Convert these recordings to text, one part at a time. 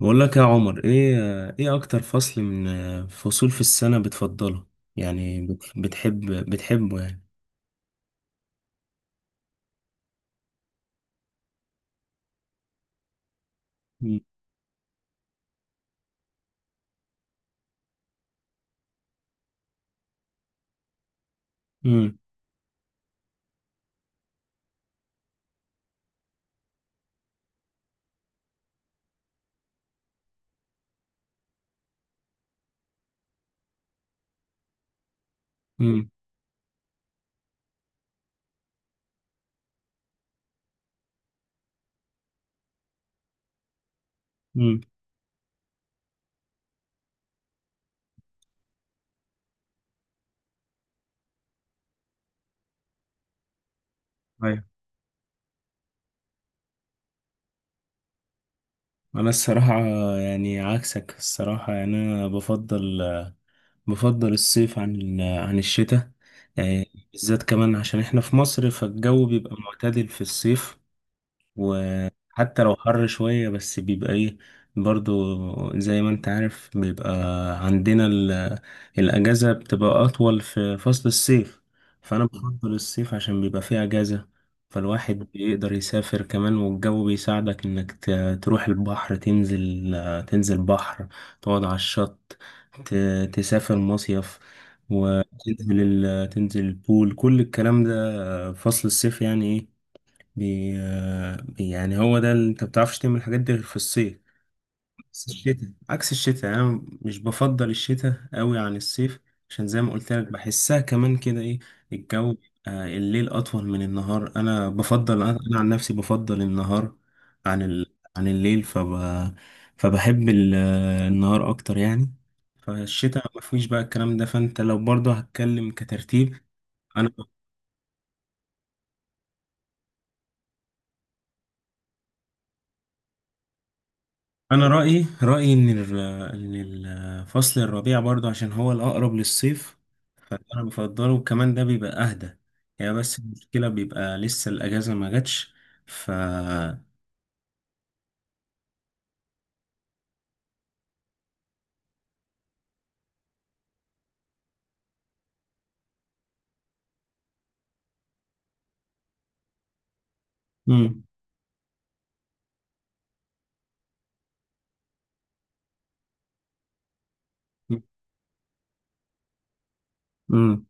بقول لك يا عمر ايه اكتر فصل من فصول في السنة بتفضله؟ يعني بتحبه يعني؟ مم. مم. مم. مم. ايوه. انا الصراحة، يعني عكسك الصراحة. يعني انا بفضل الصيف عن الشتاء، يعني بالذات كمان عشان احنا في مصر، فالجو بيبقى معتدل في الصيف. وحتى لو حر شوية بس بيبقى ايه، برضو زي ما انت عارف بيبقى عندنا ال- الأجازة بتبقى أطول في فصل الصيف، فأنا بفضل الصيف عشان بيبقى فيه أجازة. فالواحد بيقدر يسافر كمان، والجو بيساعدك إنك تروح البحر، تنزل بحر، تقعد على الشط، تسافر مصيف، وتنزل ال- تنزل البول. كل الكلام ده فصل الصيف، يعني إيه. يعني هو ده اللي انت بتعرفش تعمل الحاجات دي غير في الصيف. بس الشتاء عكس الشتاء، يعني انا مش بفضل الشتاء قوي عن الصيف، عشان زي ما قلت لك بحسها كمان كده ايه، الجو. الليل اطول من النهار. انا عن نفسي بفضل النهار عن الليل. فبحب ال... آه، النهار اكتر يعني. فالشتاء ما فيش بقى الكلام ده، فانت لو برضه هتكلم كترتيب. انا رايي ان الفصل الربيع برضه، عشان هو الاقرب للصيف، فانا بفضله. وكمان ده بيبقى اهدى يعني، بس المشكله بيبقى لسه الاجازه ما جاتش. ف امم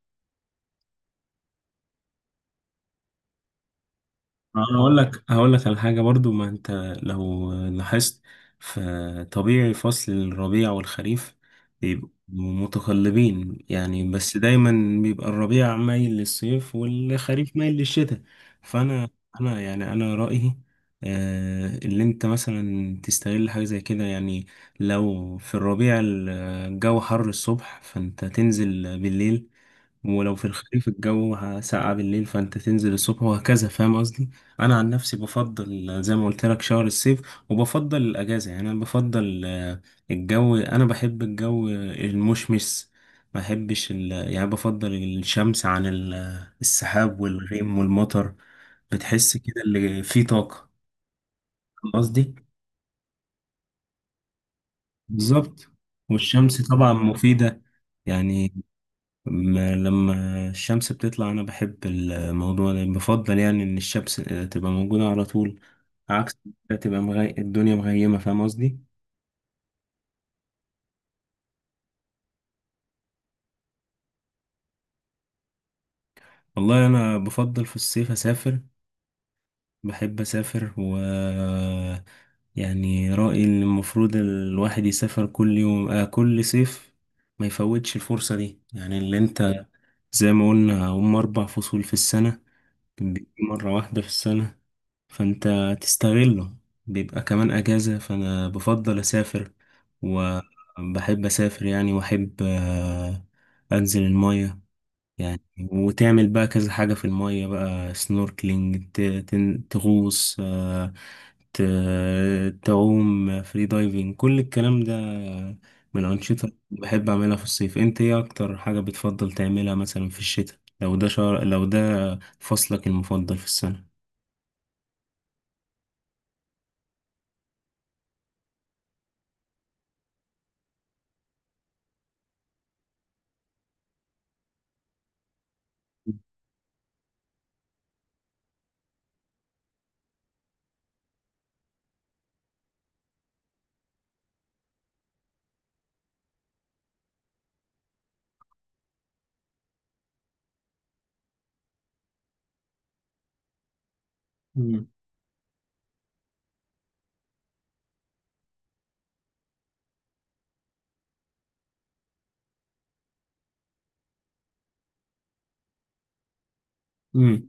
انا هقول لك على حاجه. برضو ما انت لو لاحظت، فطبيعي فصل الربيع والخريف بيبقوا متقلبين يعني، بس دايما بيبقى الربيع مايل للصيف والخريف مايل للشتاء. فانا يعني انا رايي اللي انت مثلا تستغل حاجه زي كده يعني. لو في الربيع الجو حر الصبح، فانت تنزل بالليل. ولو في الخريف الجو ساقع بالليل، فانت تنزل الصبح، وهكذا. فاهم قصدي. انا عن نفسي بفضل زي ما قلت لك شهر الصيف، وبفضل الاجازه. يعني انا بفضل الجو. انا بحب الجو المشمس، ما بحبش ال... يعني بفضل الشمس عن ال... السحاب والغيم والمطر. بتحس كده اللي فيه طاقه. فاهم قصدي. بالظبط. والشمس طبعا مفيده يعني. لما الشمس بتطلع، انا بحب الموضوع ده. بفضل يعني ان الشمس تبقى موجودة على طول، عكس ما تبقى الدنيا مغيمة. فاهم قصدي. والله انا بفضل في الصيف اسافر. بحب اسافر يعني رأيي ان المفروض الواحد يسافر كل يوم آه كل صيف، ما يفوتش الفرصة دي يعني. اللي انت زي ما قلنا، هم اربع فصول في السنة، بيجي مرة واحدة في السنة، فانت تستغله. بيبقى كمان اجازة، فانا بفضل اسافر وبحب اسافر يعني. واحب انزل المية يعني، وتعمل بقى كذا حاجة في المية بقى: سنوركلينج، تغوص، تعوم، فري دايفنج. كل الكلام ده من الأنشطة اللي بحب أعملها في الصيف. أنت إيه أكتر حاجة بتفضل تعملها مثلا في الشتاء؟ لو ده شهر، لو ده فصلك المفضل في السنة. مم.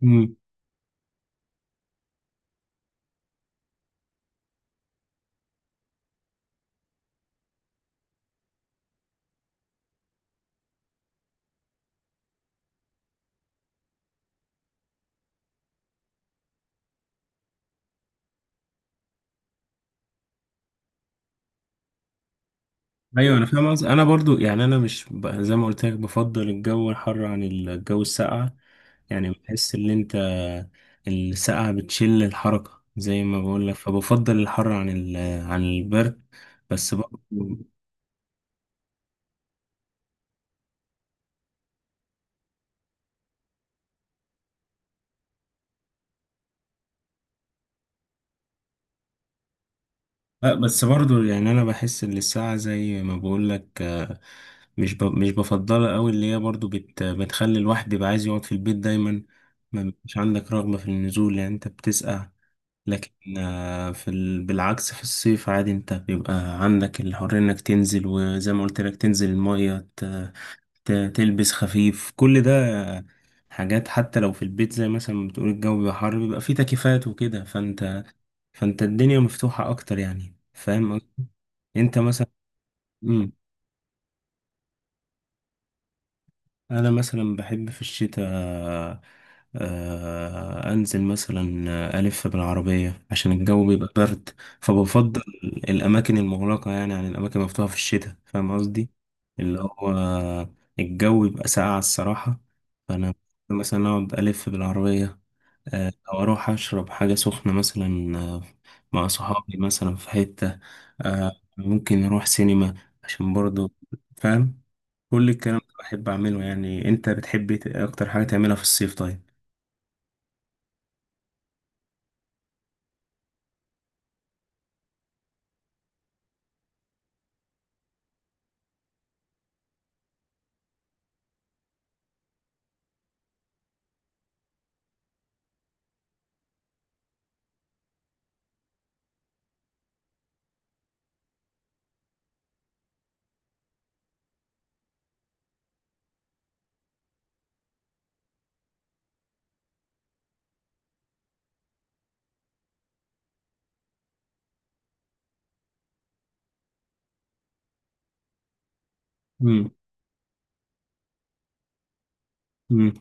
مم. ايوه. انا فاهم قصدي. انا برضو، يعني انا مش زي ما قلت لك بفضل الجو الحر عن الجو الساقع، يعني بحس ان انت الساقعة بتشل الحركة زي ما بقول لك، فبفضل الحر عن البرد. بس برضو بس برضو يعني انا بحس ان الساقعة زي ما بقول لك، مش بفضلها قوي. اللي هي برضو بتخلي الواحد يبقى عايز يقعد في البيت دايما، ما بيبقاش عندك رغبة في النزول يعني، انت بتسقع. لكن بالعكس في الصيف عادي، انت بيبقى عندك الحرية انك تنزل، وزي ما قلت لك تنزل المية، تلبس خفيف كل ده. حاجات حتى لو في البيت زي مثلا ما بتقول الجو بيبقى حر، بيبقى فيه تكييفات وكده. فانت الدنيا مفتوحة اكتر يعني، فاهم قصدي؟ انت مثلا انا مثلا بحب في الشتاء انزل مثلا الف بالعربيه عشان الجو بيبقى برد، فبفضل الاماكن المغلقه يعني عن الاماكن المفتوحه في الشتاء. فاهم قصدي. اللي هو الجو بيبقى ساقع الصراحه، فانا مثلا اقعد الف بالعربيه، او اروح اشرب حاجه سخنه مثلا مع صحابي مثلا في حته. آه، ممكن اروح سينما عشان برضو، فاهم. كل الكلام ده بحب اعمله يعني. انت بتحب إيه اكتر حاجة تعملها في الصيف، طيب؟ امم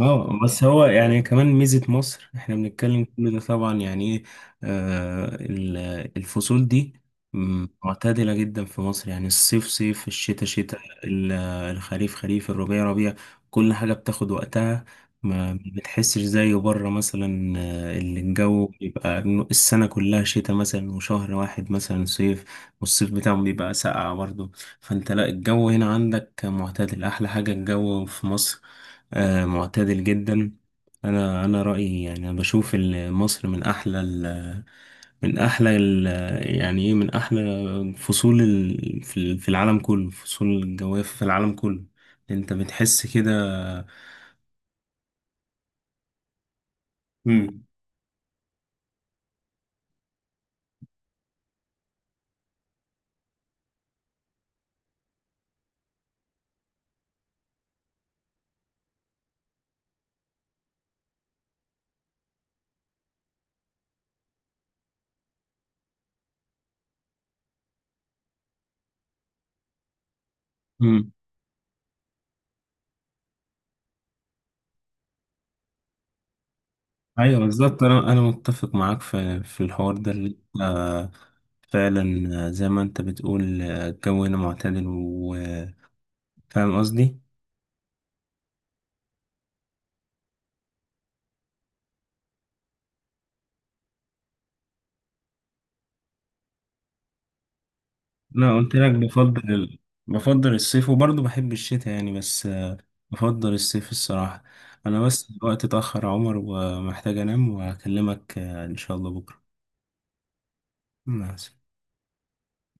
اه، بس هو يعني كمان ميزة مصر، احنا بنتكلم كل ده طبعا، يعني ايه، آه، ال- الفصول دي معتدلة جدا في مصر. يعني الصيف صيف، الشتاء شتاء، الخريف خريف، الربيع ربيع. كل حاجة بتاخد وقتها، ما بتحسش زي بره مثلا. اللي الجو بيبقى إنه السنة كلها شتاء مثلا، وشهر واحد مثلا صيف. والصيف بتاعهم بيبقى ساقع برضه. فانت لا، الجو هنا عندك معتدل، احلى حاجة الجو في مصر. معتدل جدا. انا رايي يعني، انا بشوف مصر من احلى ال من احلى ال يعني ايه من احلى فصول ال في العالم كله. فصول الجواف في العالم كله. انت بتحس كده. امم مم. ايوه، بالظبط. انا متفق معاك في الحوار ده اللي انت، فعلا. زي ما انت بتقول، الجو هنا معتدل، وفاهم قصدي. انا قلت لك بفضل بفضل الصيف، وبرضه بحب الشتاء يعني، بس بفضل الصيف الصراحة. أنا بس الوقت اتأخر يا عمر، ومحتاج أنام وأكلمك إن شاء الله بكرة. مع